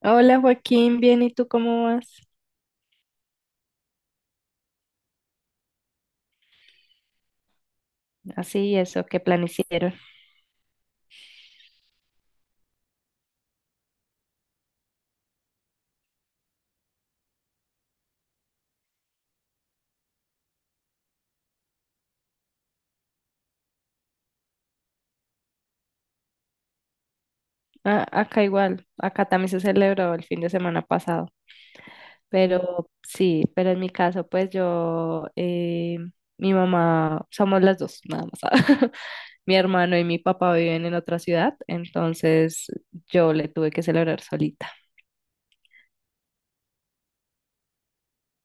Hola Joaquín, bien, ¿y tú cómo vas? Así, eso, ¿qué plan hicieron? Ah, acá igual, acá también se celebró el fin de semana pasado, pero sí, pero en mi caso, pues yo, mi mamá, somos las dos, nada más. Mi hermano y mi papá viven en otra ciudad, entonces yo le tuve que celebrar solita.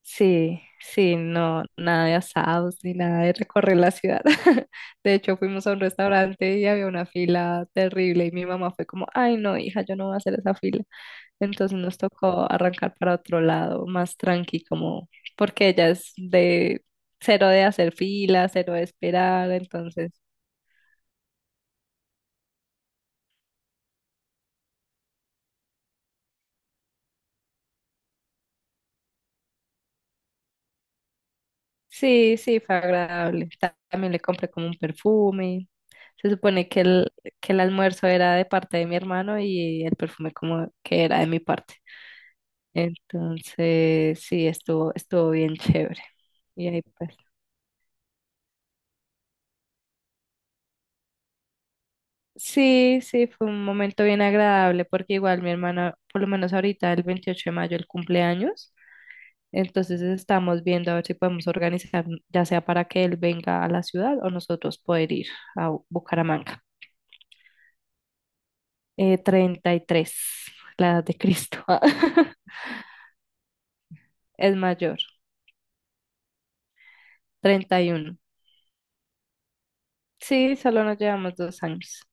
Sí, sí, no, nada de asados ni nada de recorrer la ciudad. De hecho, fuimos a un restaurante y había una fila terrible y mi mamá fue como, ay, no, hija, yo no voy a hacer esa fila. Entonces nos tocó arrancar para otro lado, más tranqui, como, porque ella es de cero de hacer fila, cero de esperar, entonces sí, sí, fue agradable. También le compré como un perfume. Se supone que el, almuerzo era de parte de mi hermano y el perfume como que era de mi parte. Entonces, sí, estuvo bien chévere. Y ahí pues. Sí, sí, fue un momento bien agradable porque igual mi hermana, por lo menos ahorita el 28 de mayo, el cumpleaños, entonces estamos viendo a ver si podemos organizar, ya sea para que él venga a la ciudad o nosotros poder ir a Bucaramanga. 33, la edad de Cristo. Es mayor. 31. Sí, solo nos llevamos 2 años.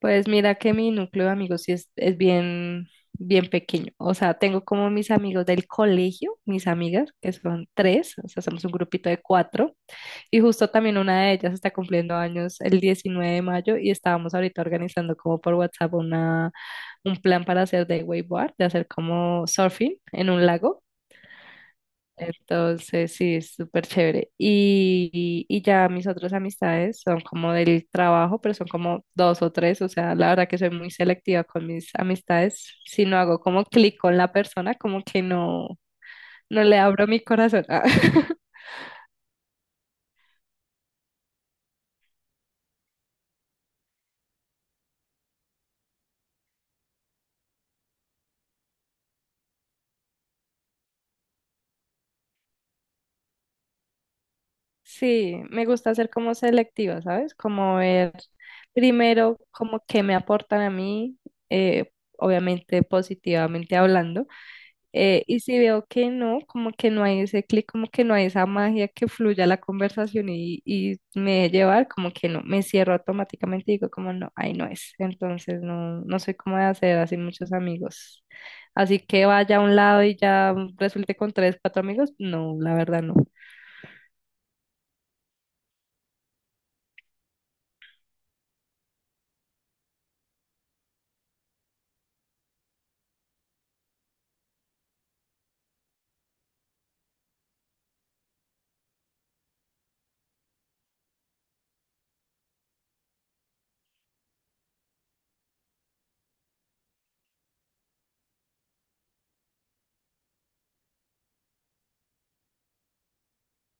Pues mira que mi núcleo de amigos sí es bien, bien pequeño. O sea, tengo como mis amigos del colegio, mis amigas, que son tres, o sea, somos un grupito de cuatro. Y justo también una de ellas está cumpliendo años el 19 de mayo y estábamos ahorita organizando como por WhatsApp una, un plan para hacer de wakeboard, de hacer como surfing en un lago. Entonces, sí, es súper chévere. Y ya mis otras amistades son como del trabajo, pero son como dos o tres. O sea, la verdad que soy muy selectiva con mis amistades. Si no hago como clic con la persona, como que no, no le abro mi corazón. Ah. Sí, me gusta ser como selectiva, ¿sabes? Como ver primero como qué me aportan a mí, eh, obviamente positivamente hablando. Y si veo que no, como que no hay ese clic, como que no hay esa magia que fluya la conversación y me deje llevar, como que no, me cierro automáticamente y digo como no, ahí no es. Entonces no, no soy como de hacer así muchos amigos. Así que vaya a un lado y ya resulte con tres, cuatro amigos, no, la verdad no.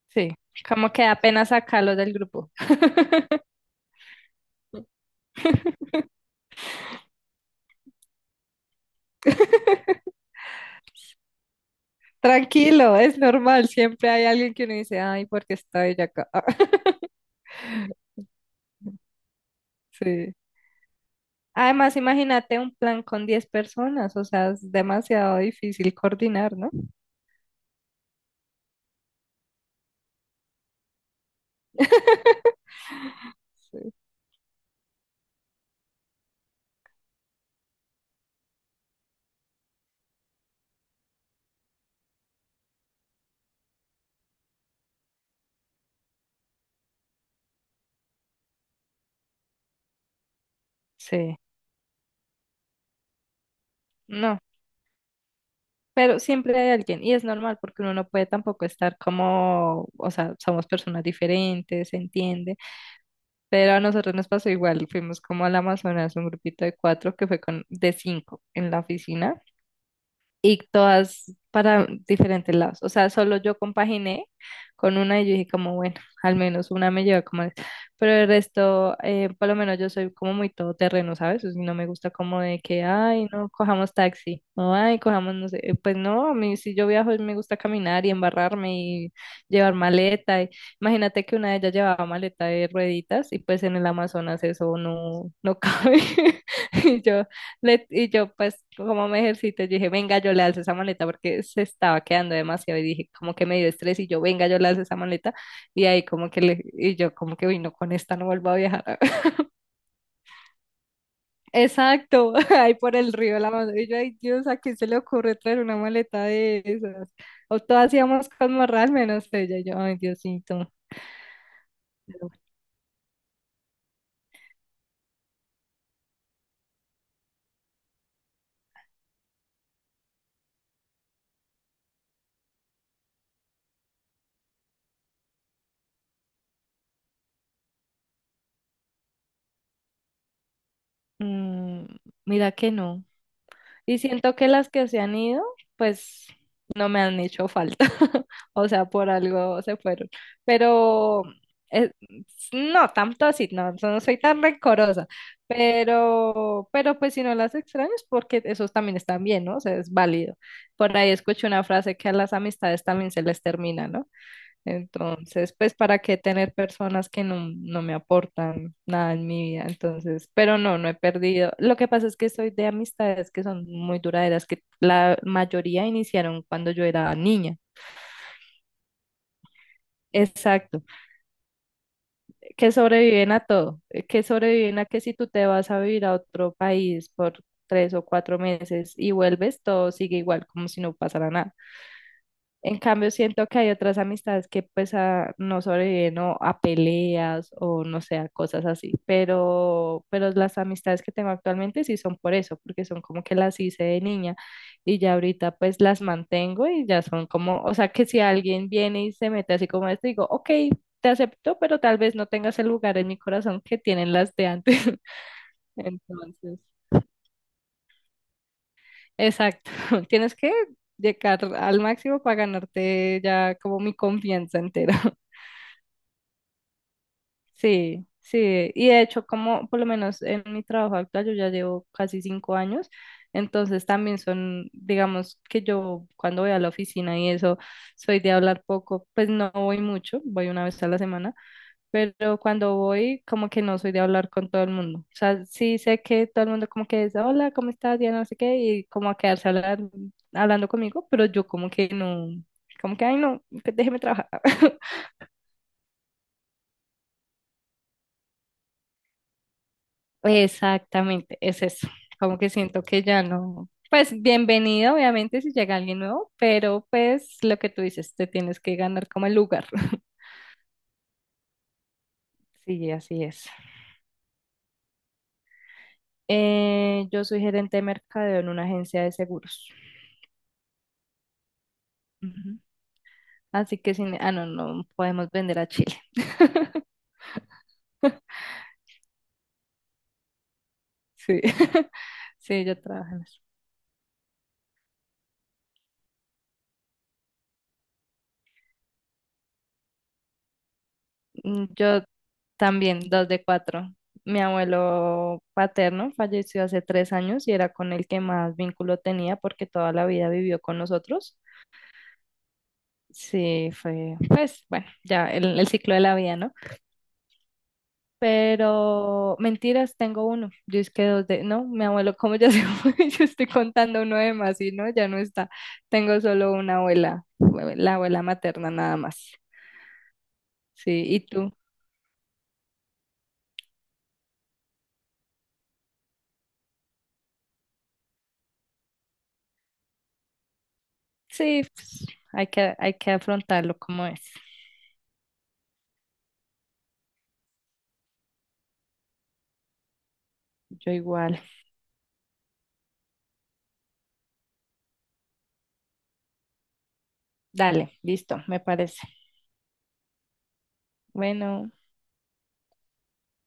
Sí, como que apenas sacarlos del grupo. Tranquilo, es normal, siempre hay alguien que uno dice, ay, porque está ella acá. Sí. Además, imagínate un plan con 10 personas, o sea, es demasiado difícil coordinar, ¿no? Sí. Sí, no, pero siempre hay alguien y es normal porque uno no puede tampoco estar como, o sea, somos personas diferentes, se entiende, pero a nosotros nos pasó igual, fuimos como al Amazonas, un grupito de cuatro que fue con, de cinco en la oficina y todas para diferentes lados. O sea, solo yo compaginé con una y yo dije como, bueno, al menos una me lleva como... Pero el resto, por lo menos yo soy como muy todoterreno, ¿sabes? O sea, no me gusta como de que, ay, no, cojamos taxi, o ay, cojamos, no sé, pues no, a mí si yo viajo me gusta caminar y embarrarme y llevar maleta. Imagínate que una de ellas llevaba maleta de rueditas y pues en el Amazonas eso no, cabe. Y yo, y yo, pues, como me ejercito, yo dije, venga, yo le alzo esa maleta porque se estaba quedando demasiado. Y dije, como que me dio estrés. Y yo, venga, yo le alzo esa maleta. Y ahí, como que le, y yo, como que vino con esta, no vuelvo a viajar. Exacto, ahí por el río de la mano. Y yo, ay, Dios, ¿a quién se le ocurre traer una maleta de esas? O todas íbamos con morral, menos ella. Y yo, ay, Diosito. mm, Mira que no. Y siento que las que se han ido, pues no me han hecho falta. O sea, por algo se fueron. Pero eh, no, tanto así, no, no soy tan rencorosa. Pero pues si no las extrañas, porque esos también están bien, ¿no? O sea, es válido. Por ahí escuché una frase que a las amistades también se les termina, ¿no? Entonces, pues, ¿para qué tener personas que no, no, me aportan nada en mi vida? Entonces, pero no he perdido. Lo que pasa es que soy de amistades que son muy duraderas, que la mayoría iniciaron cuando yo era niña. Exacto, que sobreviven a todo, que sobreviven a que si tú te vas a vivir a otro país por 3 o 4 meses y vuelves, todo sigue igual, como si no pasara nada. En cambio, siento que hay otras amistades que pues no sobreviven o a peleas o no sé, a cosas así, pero las amistades que tengo actualmente sí son por eso, porque son como que las hice de niña y ya ahorita pues las mantengo y ya son como, o sea que si alguien viene y se mete así como esto, digo, ok, te acepto, pero tal vez no tengas el lugar en mi corazón que tienen las de antes. Entonces, exacto, tienes que llegar al máximo para ganarte ya como mi confianza entera. Sí, sí, y de hecho, como por lo menos en mi trabajo actual, yo ya llevo casi 5 años, entonces también son, digamos que yo cuando voy a la oficina y eso, soy de hablar poco, pues no voy mucho, voy una vez a la semana, pero cuando voy, como que no soy de hablar con todo el mundo, o sea, sí sé que todo el mundo como que dice, hola, ¿cómo estás? Ya no sé qué, y como a quedarse hablando conmigo, pero yo como que no, como que, ay, no, déjeme trabajar. Exactamente, es eso. Como que siento que ya no. Pues bienvenido, obviamente, si llega alguien nuevo, pero pues lo que tú dices, te tienes que ganar como el lugar. Sí, así es. Yo soy gerente de mercadeo en una agencia de seguros. Ujú. Así que sin, ah, no, podemos vender a Chile. Sí, sí, yo trabajo en eso. Mm, yo también, dos de cuatro. Mi abuelo paterno falleció hace 3 años y era con el que más vínculo tenía porque toda la vida vivió con nosotros. Sí, fue, pues, bueno, ya el ciclo de la vida, ¿no? Pero mentiras, tengo uno. ¿Yo es que dos de, no, mi abuelo, como ya se fue? Yo estoy contando uno de más y no, ya no está. Tengo solo una abuela, la abuela materna nada más. Sí, ¿y tú? Sí, pues, hay que, afrontarlo como es. Yo igual. Dale, listo, me parece. Bueno.